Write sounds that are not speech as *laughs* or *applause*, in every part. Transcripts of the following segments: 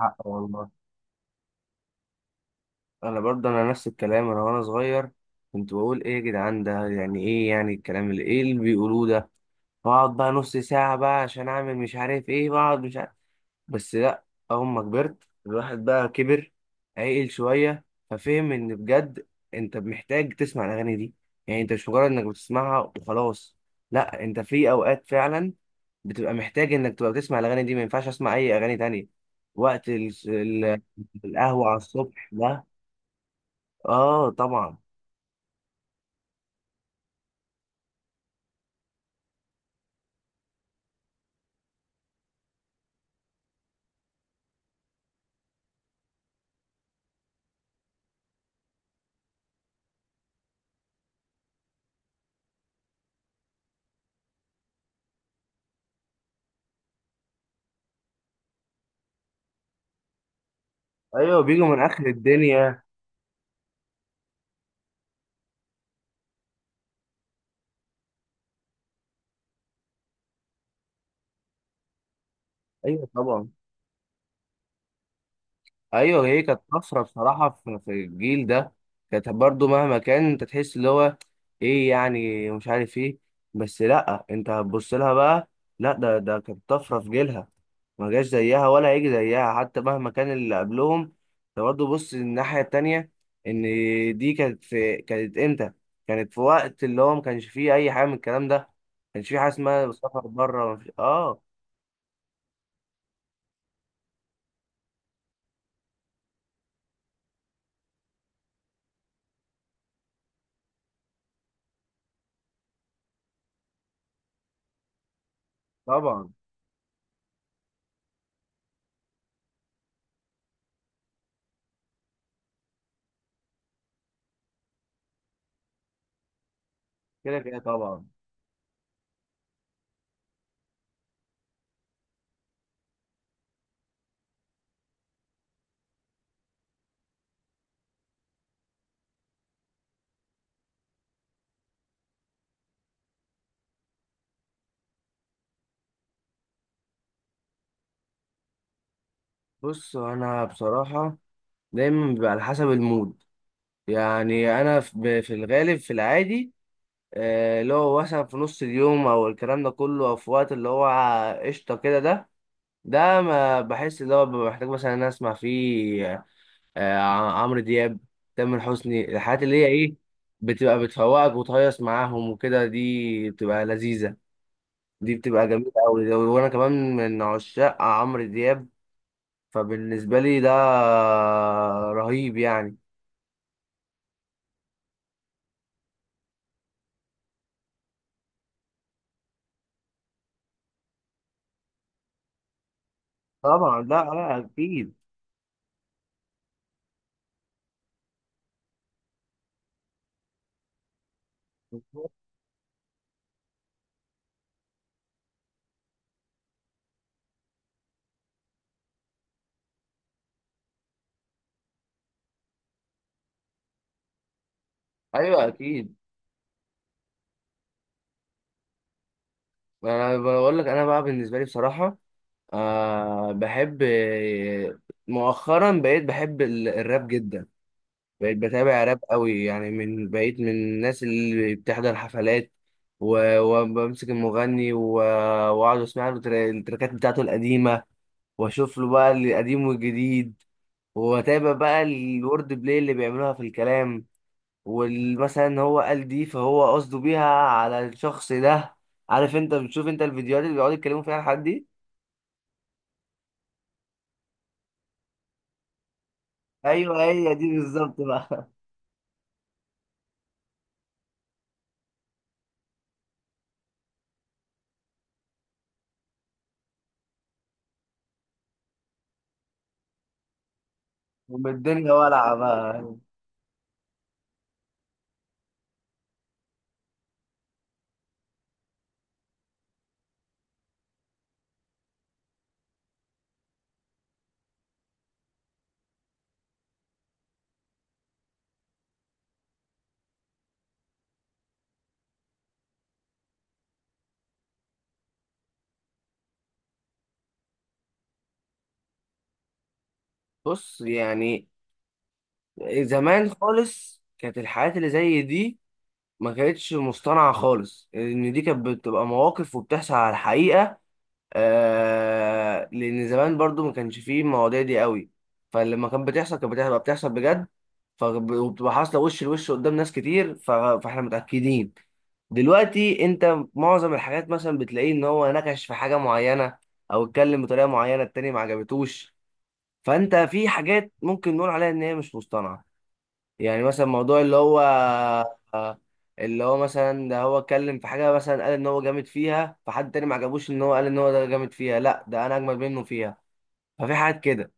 حق والله. انا برضه نفس الكلام، انا وانا صغير كنت بقول: ايه يا جدعان، ده يعني ايه؟ يعني الكلام اللي ايه اللي بيقولوه ده؟ بقعد بقى نص ساعة بقى عشان اعمل مش عارف ايه، بقعد مش عارف. بس لا، اول ما كبرت الواحد بقى كبر، عقل شوية، ففهم ان بجد انت محتاج تسمع الاغاني دي. يعني انت مش مجرد انك بتسمعها وخلاص، لا انت في اوقات فعلا بتبقى محتاج انك تبقى بتسمع الاغاني دي، ما ينفعش اسمع اي اغاني تانية. وقت القهوة على الصبح ده. اه طبعا. ايوه بيجوا من اخر الدنيا. ايوه طبعا. ايوه، هي كانت طفره بصراحه في الجيل ده. كانت برضو مهما كان، انت تحس اللي هو ايه يعني، مش عارف ايه، بس لا، انت هتبص لها بقى. لا ده كانت طفره في جيلها، ما جاش زيها ولا هيجي زيها حتى مهما كان اللي قبلهم. انت برضو بص الناحيه التانيه، ان دي كانت امتى؟ كانت في وقت اللي هو ما كانش فيه اي حاجه من الكلام ده، ما كانش فيه حاجه اسمها سفر بره، ما فيش- اه طبعا كده كده طبعا. بص انا بصراحه، دايما بيبقى على حسب المود. يعني انا في الغالب في العادي، اللي هو مثلا في نص اليوم او الكلام ده كله، او في وقت اللي هو قشطه كده ده ما بحس اللي هو ببقى محتاج مثلا إن أنا اسمع فيه آه، عمرو دياب، تامر حسني. الحاجات اللي هي ايه، بتبقى بتفوقك وتهيص معاهم وكده، دي بتبقى لذيذه، دي بتبقى جميله قوي، وانا كمان من عشاق عمرو دياب. فبالنسبة لي ده رهيب يعني. طبعا، لا لا أكيد. أيوه أكيد. أنا بقول لك، أنا بقى بالنسبة لي بصراحة، أه بحب، مؤخرا بقيت بحب الراب جدا. بقيت بتابع راب قوي، يعني من بقيت من الناس اللي بتحضر حفلات، وبمسك المغني، واقعد اسمع له التراكات بتاعته القديمة، واشوف له بقى القديم والجديد، واتابع بقى الورد بلاي اللي بيعملوها في الكلام. ومثلا ان هو قال دي، فهو قصده بيها على الشخص ده. عارف انت، بتشوف انت الفيديوهات اللي بيقعدوا يتكلموا فيها الحاجات دي. ايوه، هي دي بالظبط بقى. *laughs* ام الدنيا ولعه بقى. بص يعني، زمان خالص كانت الحاجات اللي زي دي ما كانتش مصطنعه خالص، ان دي كانت بتبقى مواقف وبتحصل على الحقيقه. لان زمان برضو ما كانش فيه المواضيع دي قوي، فلما كانت بتحصل كانت بتبقى بتحصل بجد، وبتبقى حاصله وش لوش قدام ناس كتير، فاحنا متاكدين. دلوقتي انت معظم الحاجات مثلا بتلاقيه ان هو نكش في حاجه معينه، او اتكلم بطريقه معينه، التاني ما عجبتوش. فانت في حاجات ممكن نقول عليها ان هي مش مصطنعه، يعني مثلا موضوع اللي هو مثلا، ده هو اتكلم في حاجة مثلا، قال ان هو جامد فيها، فحد تاني ما عجبوش ان هو قال ان هو ده جامد فيها، لا ده انا اجمد منه فيها. ففي حاجات كده،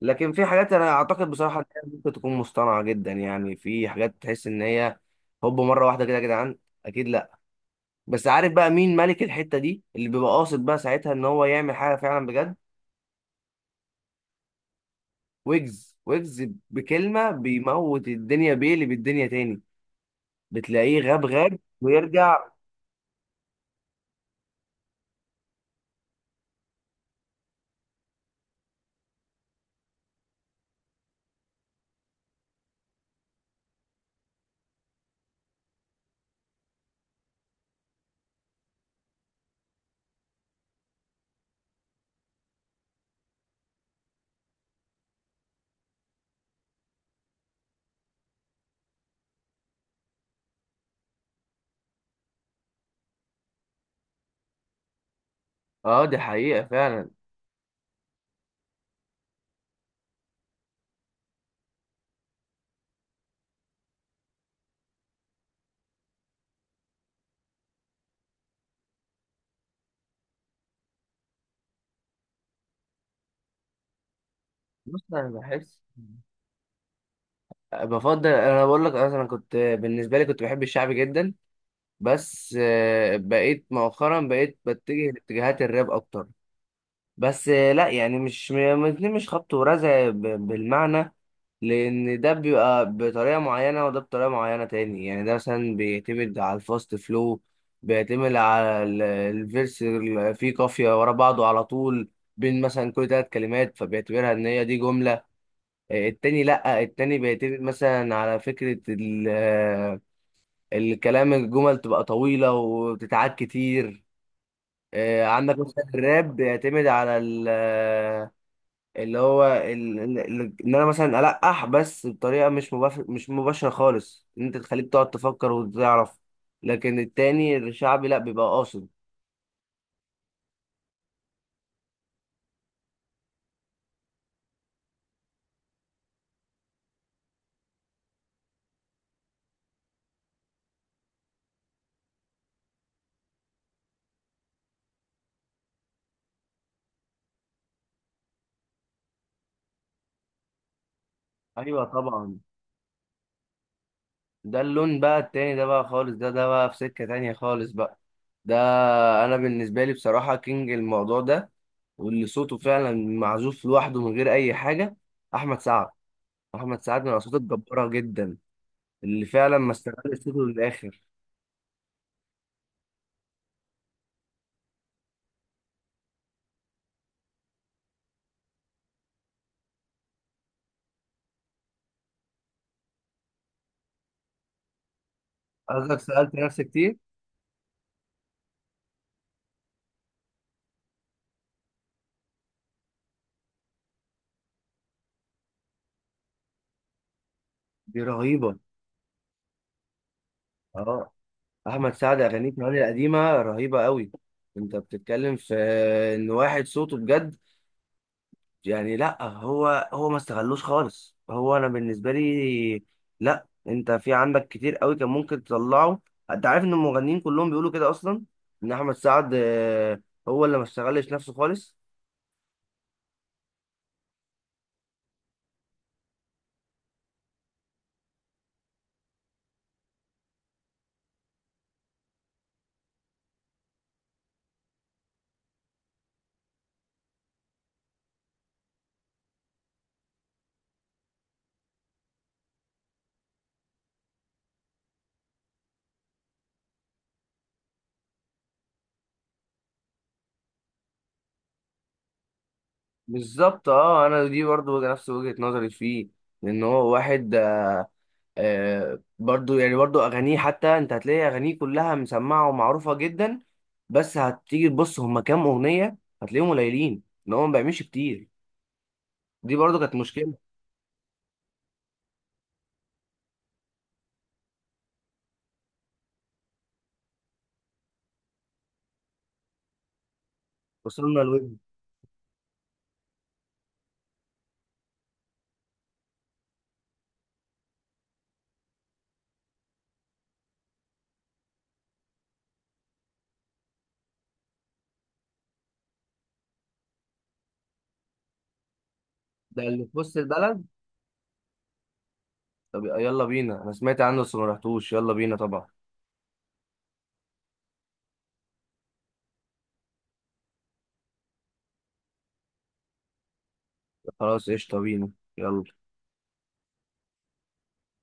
لكن في حاجات انا اعتقد بصراحة ان هي ممكن تكون مصطنعة جدا، يعني في حاجات تحس ان هي هوب مرة واحدة كده يا جدعان، اكيد لا. بس عارف بقى مين ملك الحتة دي، اللي بيبقى قاصد بقى ساعتها ان هو يعمل حاجة فعلا بجد؟ ويجز. ويجز بكلمة بيموت الدنيا بيه، اللي بالدنيا تاني، بتلاقيه غاب غاب ويرجع. اه دي حقيقة فعلا. بص انا بحس، بفضل، انا بقول لك، انا كنت بالنسبة لي كنت بحب الشعب جدا، بس بقيت مؤخرا بقيت بتجه لاتجاهات الراب اكتر، بس لا يعني مش الاتنين مش خبط ورزع بالمعنى، لان ده بيبقى بطريقة معينة وده بطريقة معينة تاني. يعني ده مثلا بيعتمد على الفاست فلو، بيعتمد على الفيرس اللي فيه قافية ورا بعضه على طول، بين مثلا كل ثلاث كلمات فبيعتبرها ان هي دي جملة. التاني لأ، التاني بيعتمد مثلا على فكرة الكلام، الجمل تبقى طويلة وبتتعاد كتير. عندك مثلا الراب بيعتمد على اللي هو ان انا مثلا ألقح، بس بطريقة مش مش مباشرة خالص، ان انت تخليك تقعد تفكر وتعرف، لكن التاني الشعبي لأ بيبقى قاصد. ايوه طبعا. ده اللون بقى التاني، ده بقى خالص، ده بقى في سكة تانية خالص بقى. ده انا بالنسبه لي بصراحه كينج الموضوع ده، واللي صوته فعلا معزوف لوحده من غير اي حاجه: احمد سعد. احمد سعد من الاصوات الجباره جدا اللي فعلا ما استغلش صوته للاخر. قصدك سالت نفسك كتير؟ دي رهيبه. اه، احمد سعد اغانيه كمان القديمه رهيبه قوي. انت بتتكلم في ان واحد صوته بجد، يعني لا، هو ما استغلوش خالص. هو انا بالنسبه لي، لا انت في عندك كتير قوي كان ممكن تطلعه. انت عارف ان المغنيين كلهم بيقولوا كده اصلا، ان احمد سعد هو اللي ما استغلش نفسه خالص. بالظبط. اه، انا دي برضو نفس وجهه نظري فيه، لان هو واحد برضو يعني، برضو اغانيه، حتى انت هتلاقي اغانيه كلها مسمعه ومعروفه جدا، بس هتيجي تبص هما كام اغنيه، هتلاقيهم قليلين، ان هو ما بيعملش كتير. دي برضو كانت مشكله. وصلنا الود. ده اللي في وسط البلد؟ طب يلا بينا، انا سمعت عنه بس ما رحتوش. يلا بينا طبعا. خلاص قشطه، بينا يلا.